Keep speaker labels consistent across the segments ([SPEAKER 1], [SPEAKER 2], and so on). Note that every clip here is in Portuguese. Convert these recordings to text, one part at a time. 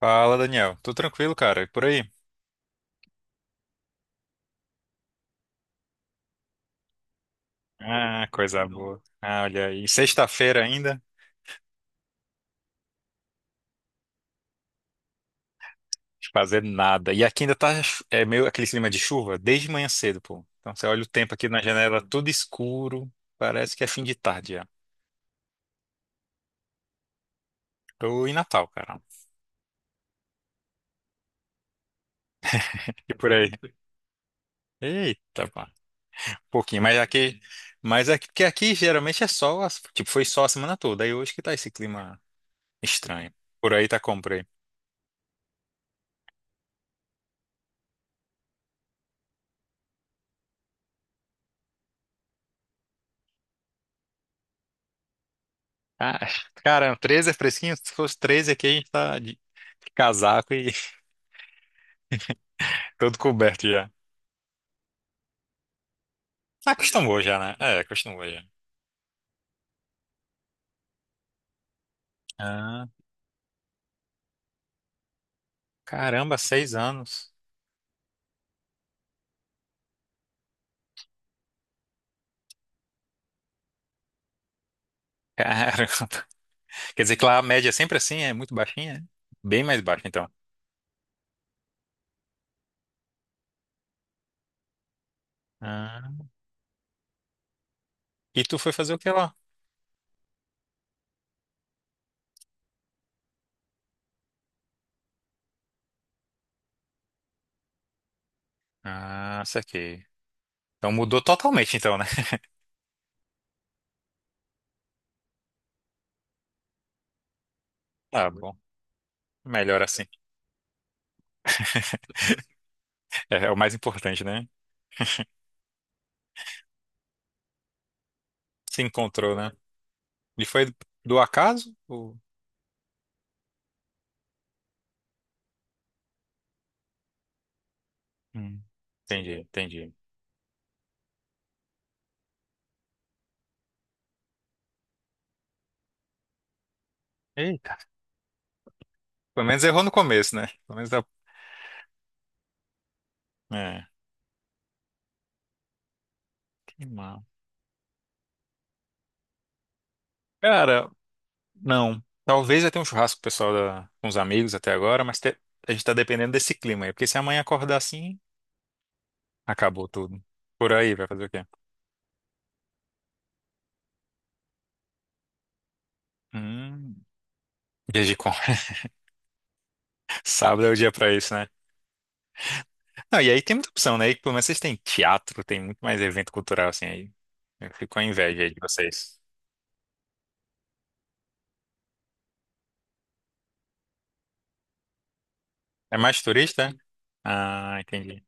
[SPEAKER 1] Fala, Daniel. Tudo tranquilo, cara? E por aí? Ah, coisa boa. Ah, olha aí. Sexta-feira ainda, de fazer nada. E aqui ainda tá meio aquele clima de chuva desde manhã cedo, pô. Então você olha o tempo aqui na janela, tudo escuro. Parece que é fim de tarde já. Tô em Natal, cara. E por aí? Eita, pá. Um pouquinho, mas aqui. Mas aqui, porque aqui geralmente é sol, tipo, foi sol a semana toda. Aí hoje que tá esse clima estranho. Por aí tá como por aí? Ah, cara, 13 é fresquinho? Se fosse 13 aqui, a gente tá de casaco e todo coberto já. Ah, acostumou já, né? É, acostumou já. Ah, caramba, 6 anos. Caramba. Quer dizer que lá a média é sempre assim, é muito baixinha? É? Bem mais baixa, então. Ah, e tu foi fazer o que lá? Ah, isso aqui. Então mudou totalmente, então, né? Tá bom. Melhor assim. É, é o mais importante, né? Se encontrou, né? E foi do acaso? Ou... Hum, entendi, entendi. Eita. Pelo menos errou no começo, né? Pelo menos dá. É, que mal. Cara, não. Talvez eu tenha um churrasco com o pessoal da... com os amigos até agora, mas a gente tá dependendo desse clima aí. Porque se amanhã acordar assim, acabou tudo. Por aí, vai fazer o quê? Hum. Dia de com... Sábado é o dia pra isso, né? Não, e aí tem muita opção, né? E pelo menos vocês têm teatro, tem muito mais evento cultural assim aí. Eu fico com inveja aí de vocês. É mais turista? É? Ah, entendi.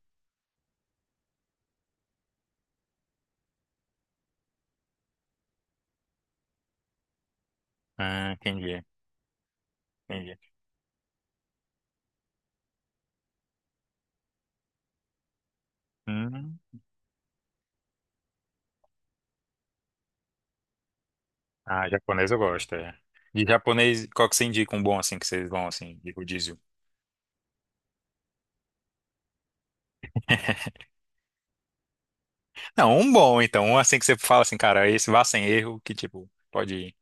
[SPEAKER 1] Ah, entendi. Entendi. Hum. Ah, japonês eu gosto, é. De japonês, qual que você indica um bom assim que vocês vão assim, de rodízio? Não, um bom então, um assim que você fala assim, cara, esse vá sem erro, que tipo, pode ir.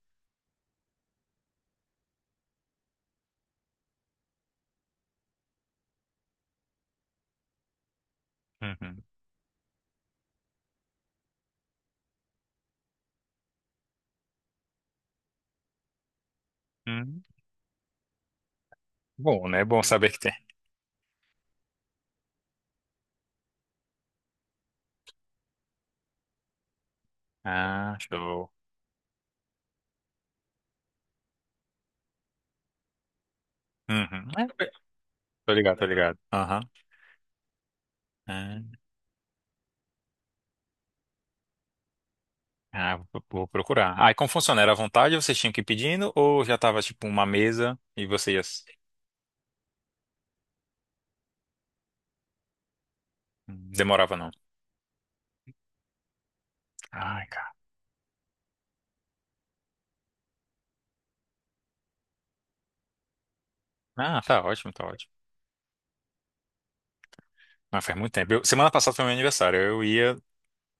[SPEAKER 1] Uhum. Uhum. Bom, né? Bom saber que tem. Ah, show. Uhum. É, tô ligado, tô ligado. Aham. Ah, ah, vou procurar. Ah, e como funciona? Era à vontade, vocês tinham que ir pedindo ou já tava tipo uma mesa e vocês demorava não? Ai, cara. Ah, tá ótimo, tá ótimo. Ah, faz muito tempo. Semana passada foi meu aniversário. Eu ia.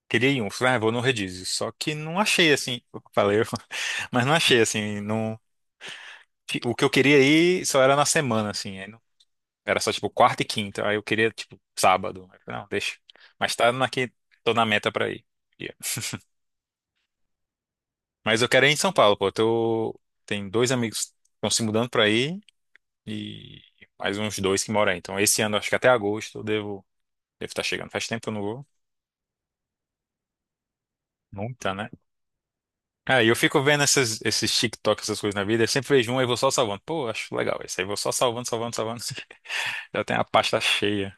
[SPEAKER 1] Queria ir um, falei, ah, vou no Rodízio. Só que não achei assim, eu falei, mas não achei assim, não, o que eu queria ir só era na semana, assim, aí não- era só tipo quarta e quinta, aí eu queria tipo sábado. Aí eu falei, não, deixa. Mas tá na que tô na meta pra ir. Yeah. Mas eu quero ir em São Paulo, pô. Eu tô, tem dois amigos que estão se mudando pra aí e mais uns dois que moram aí. Então esse ano, acho que até agosto eu devo, devo estar chegando. Faz tempo que eu não vou. Nunca, né? Cara, e eu fico vendo essas, esses TikTok, essas coisas na vida, eu sempre vejo um e vou só salvando. Pô, acho legal esse aí, vou só salvando, salvando, salvando. Já tem a pasta cheia.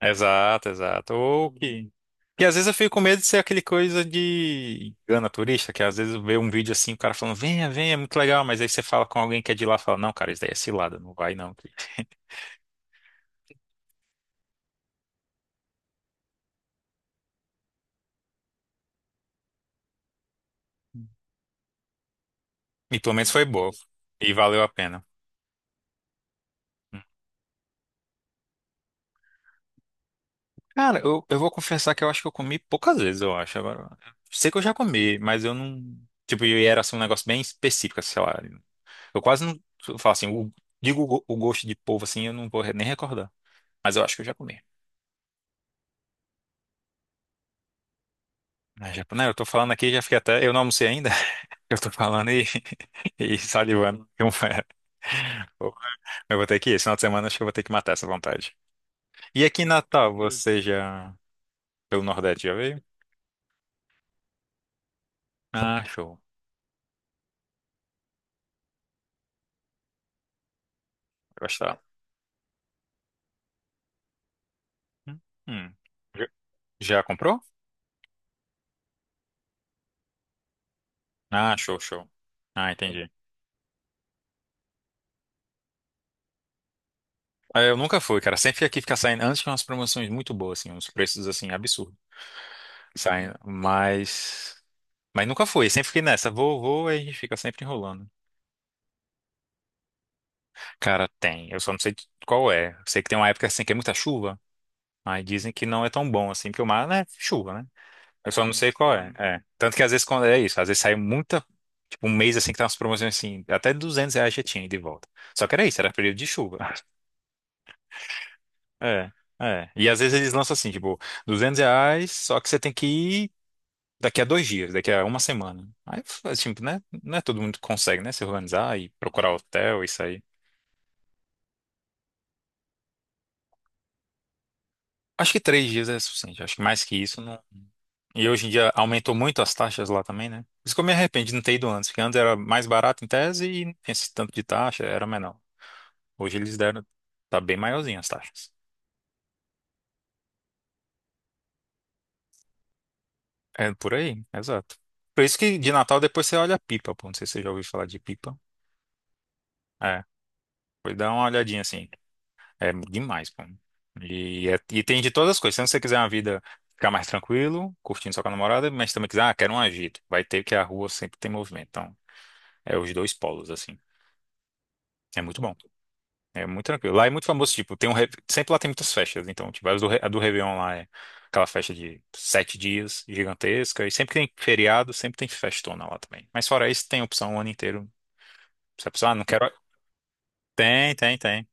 [SPEAKER 1] Exato, exato. Ou que. E às vezes eu fico com medo de ser aquele coisa de engana turista, que às vezes vê um vídeo assim, o cara falando, venha, venha, é muito legal, mas aí você fala com alguém que é de lá, fala, não, cara, isso daí é cilada, não vai não. E pelo menos foi boa. E valeu a pena. Cara, eu vou confessar que eu acho que eu comi poucas vezes, eu acho. Agora, sei que eu já comi, mas eu não. Tipo, e era assim, um negócio bem específico, sei lá. Eu quase não. Eu falo assim, digo o gosto de polvo assim, eu não vou nem recordar. Mas eu acho que eu já comi. Mas já, né, eu tô falando aqui, já fiquei até. Eu não almocei ainda. Eu tô falando e, e salivando. Como é. Pô, eu vou ter que ir. Esse final de semana acho que eu vou ter que matar essa vontade. E aqui em Natal, hum, você já. Pelo Nordeste já veio? Ah, show. Vai gostar. Hum. Já já comprou? Ah, show, show. Ah, entendi. Ah, eu nunca fui, cara. Sempre aqui fica saindo, antes tinha umas promoções muito boas, assim, uns preços, assim, absurdos. Saindo, mas... Mas nunca fui, sempre fiquei nessa. Vou, vou, e a gente fica sempre enrolando. Cara, tem. Eu só não sei qual é. Eu sei que tem uma época, assim, que é muita chuva. Aí dizem que não é tão bom, assim, porque o mar, né, chuva, né? Eu só não sei qual é. É. Tanto que às vezes quando é isso, às vezes sai muita... Tipo, um mês, assim, que tá umas promoções, assim, até R$ 200 já tinha ida e de volta. Só que era isso, era período de chuva. É, é. E às vezes eles lançam assim, tipo, R$ 200, só que você tem que ir daqui a dois dias, daqui a uma semana. Aí, assim, né? Não é todo mundo que consegue, né? Se organizar e procurar hotel, isso aí. Acho que três dias é suficiente. Acho que mais que isso não. E hoje em dia aumentou muito as taxas lá também, né? Por isso que eu me arrependo de não ter ido antes, porque antes era mais barato em tese e não tinha esse tanto de taxa, era menor. Hoje eles deram. Tá bem maiorzinho as taxas. É por aí, exato. Por isso que de Natal depois você olha a pipa, pô. Não sei se você já ouviu falar de pipa. É. Foi dar uma olhadinha assim. É demais, pô. E, e tem de todas as coisas. Se você quiser uma vida ficar mais tranquilo, curtindo só com a namorada, mas também quiser, ah, quero um agito. Vai ter que a rua sempre tem movimento. Então, é os dois polos, assim. É muito bom. É muito tranquilo. Lá é muito famoso, tipo, tem um. Sempre lá tem muitas festas. Então, tipo, a do, a do Réveillon lá é aquela festa de 7 dias, gigantesca. E sempre tem feriado, sempre tem festona lá também. Mas fora isso, tem opção o ano inteiro. Se a pessoa, ah, não quero. Tem, tem, tem.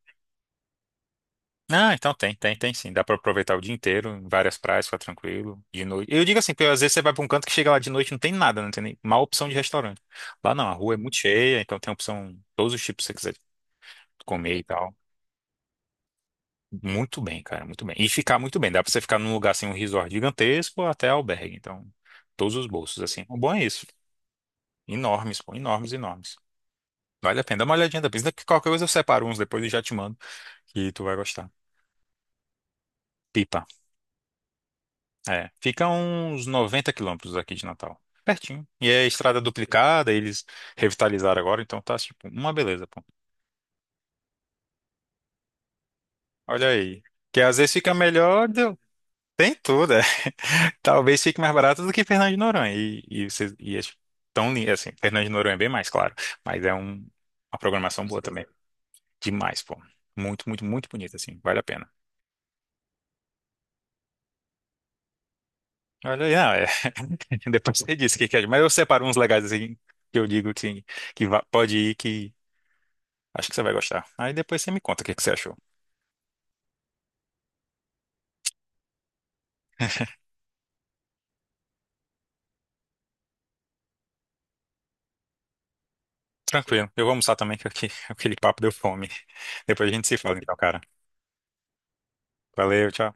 [SPEAKER 1] Ah, então tem, tem, tem sim. Dá pra aproveitar o dia inteiro, em várias praias, ficar tranquilo, de noite. Eu digo assim, porque às vezes você vai pra um canto que chega lá de noite e não tem nada, não tem nem mal opção de restaurante. Lá não, a rua é muito cheia, então tem opção, todos os tipos que você quiser comer e tal. Muito bem, cara, muito bem. E ficar muito bem. Dá pra você ficar num lugar assim, um resort gigantesco ou até albergue. Então, todos os bolsos, assim. O bom é isso. Enormes, pô, enormes, enormes. Vale a pena. Dá uma olhadinha depois. Daqui qualquer coisa eu separo uns depois e já te mando, que tu vai gostar. Pipa. É, fica uns 90 km aqui de Natal. Pertinho. E é estrada duplicada, eles revitalizaram agora, então tá tipo uma beleza, pô. Olha aí. Que às vezes fica melhor, do tem tudo, é. Talvez fique mais barato do que Fernando de Noronha. E, e é tipo, tão lindo, assim, Fernando de Noronha é bem mais, claro. Mas é uma programação boa também. Demais, pô. Muito, muito, muito bonito, assim. Vale a pena. Olha aí, não, é. Depois você disse o que que é. Mas eu separo uns legais, assim, que eu digo que, pode ir que. Acho que você vai gostar. Aí depois você me conta o que que você achou. Tranquilo. Eu vou almoçar também, que aqui- aquele papo deu fome. Depois a gente se fala, então, cara. Valeu, tchau.